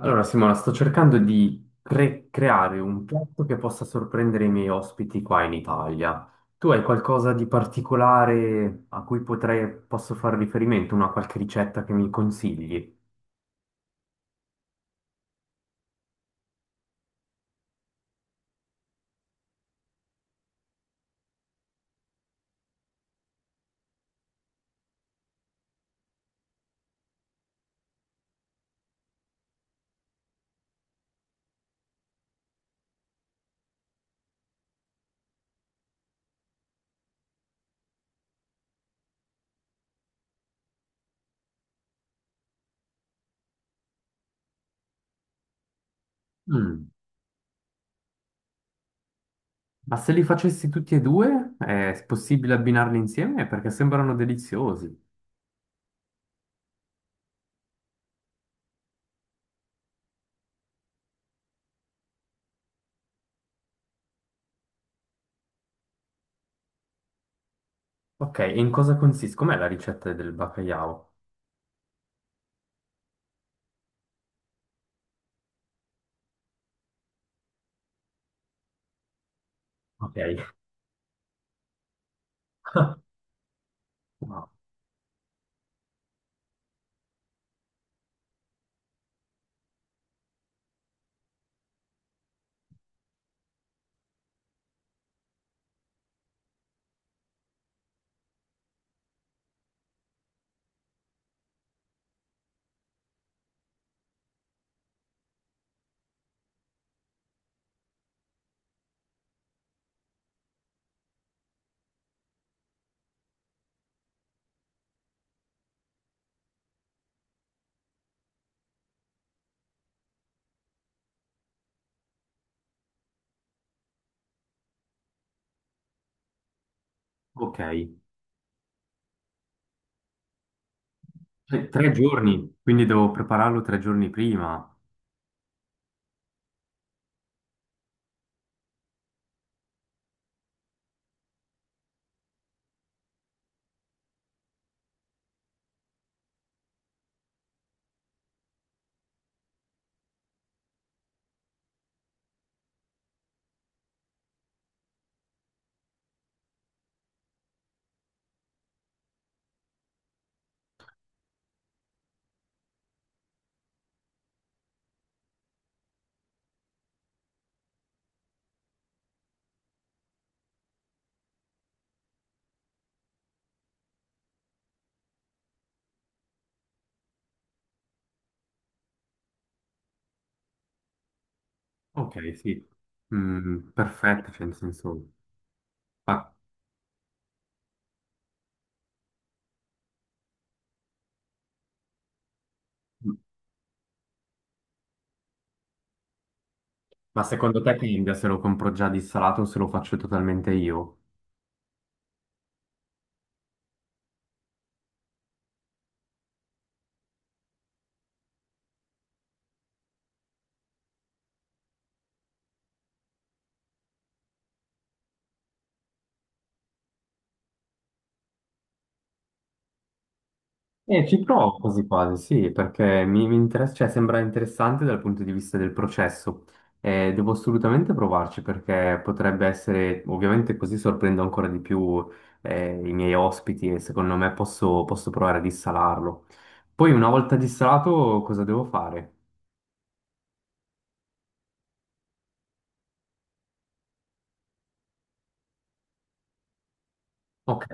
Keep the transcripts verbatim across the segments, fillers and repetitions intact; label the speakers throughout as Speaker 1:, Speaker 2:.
Speaker 1: Allora, Simona, sto cercando di cre- creare un piatto che possa sorprendere i miei ospiti qua in Italia. Tu hai qualcosa di particolare a cui potrei, posso fare riferimento, una qualche ricetta che mi consigli? Mm. Ma se li facessi tutti e due, è possibile abbinarli insieme? Perché sembrano deliziosi. Ok, e in cosa consiste? Com'è la ricetta del bacalao? Ok. Wow. Ok. Tre tre giorni, quindi devo prepararlo tre giorni prima. Ok, sì. Mm, perfetto, cioè nel senso, ma, ma secondo te cambia se lo compro già dissalato o se lo faccio totalmente io? Eh, ci provo quasi quasi, sì, perché mi, mi interessa, cioè, sembra interessante dal punto di vista del processo. Eh, devo assolutamente provarci perché potrebbe essere, ovviamente così sorprendo ancora di più eh, i miei ospiti e secondo me posso, posso provare a dissalarlo. Poi una volta dissalato cosa devo fare? Ok.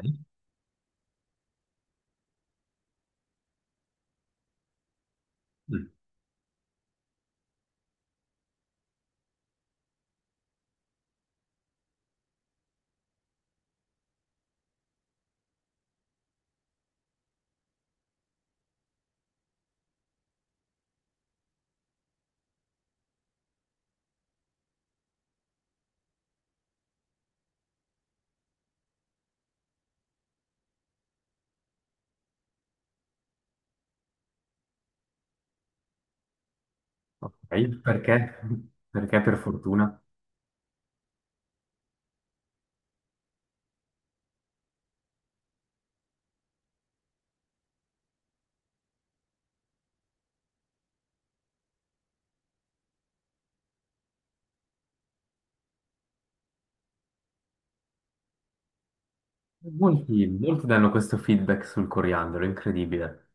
Speaker 1: Ok, perché? Perché per fortuna molti, molti danno questo feedback sul coriandolo, incredibile.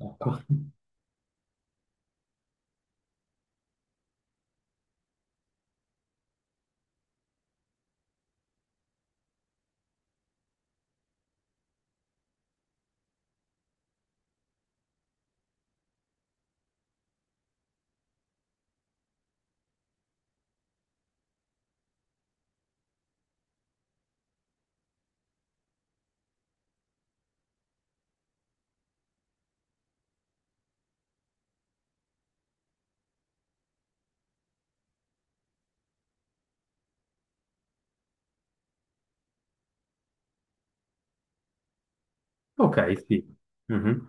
Speaker 1: Ecco. Ok, sì. Mhm.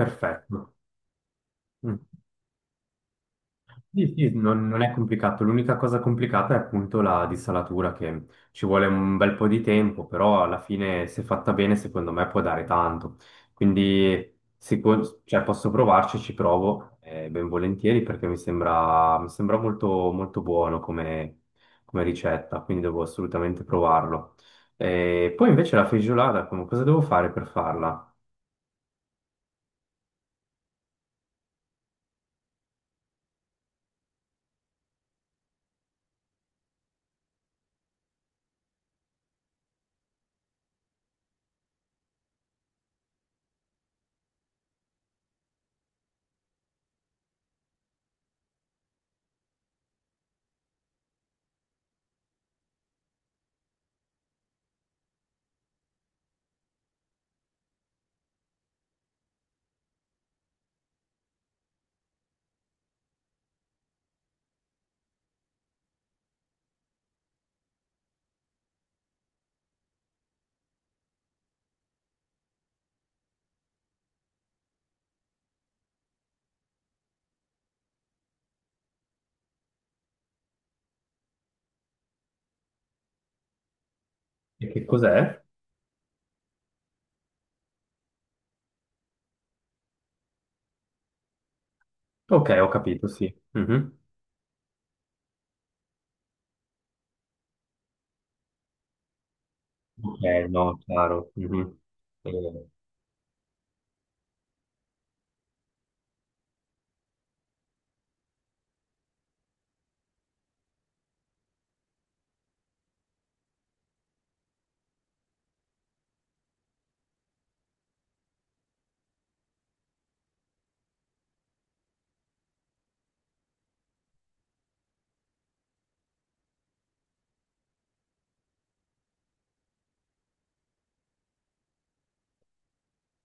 Speaker 1: Perfetto. Mm. Sì, sì, non, non è complicato. L'unica cosa complicata è appunto la dissalatura, che ci vuole un bel po' di tempo, però alla fine, se fatta bene, secondo me può dare tanto. Quindi, sicu- cioè, posso provarci, ci provo, eh, ben volentieri, perché mi sembra, mi sembra molto, molto buono come, come ricetta, quindi devo assolutamente provarlo. E poi invece la feigiolada, come- cosa devo fare per farla? E che cos'è? Ok, ho capito, sì. Mhm. Ok, no, chiaro. Mhm. Eh,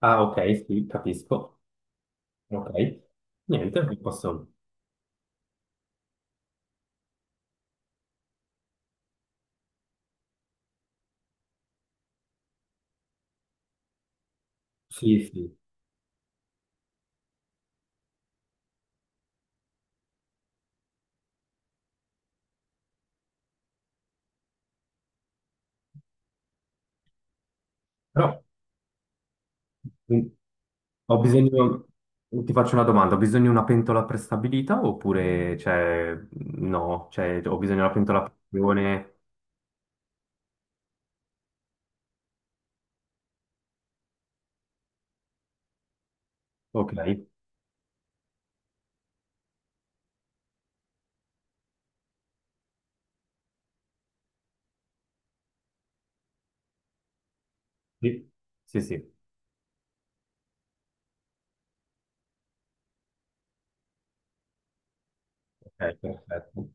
Speaker 1: ah, ok, sì, capisco. Ok, niente, vi posso. Sì, sì. Però mm, ho bisogno. Ti faccio una domanda: ho bisogno di una pentola prestabilita oppure cioè, no? Cioè, ho bisogno di una pentola a pressione. Ok, sì, sì, sì. Ok, perfetto.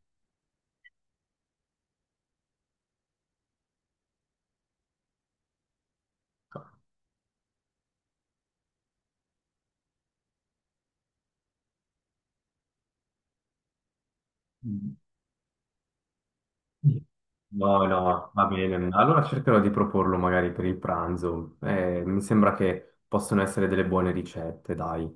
Speaker 1: No, no, va bene. Allora cercherò di proporlo magari per il pranzo. Eh, mi sembra che possono essere delle buone ricette, dai.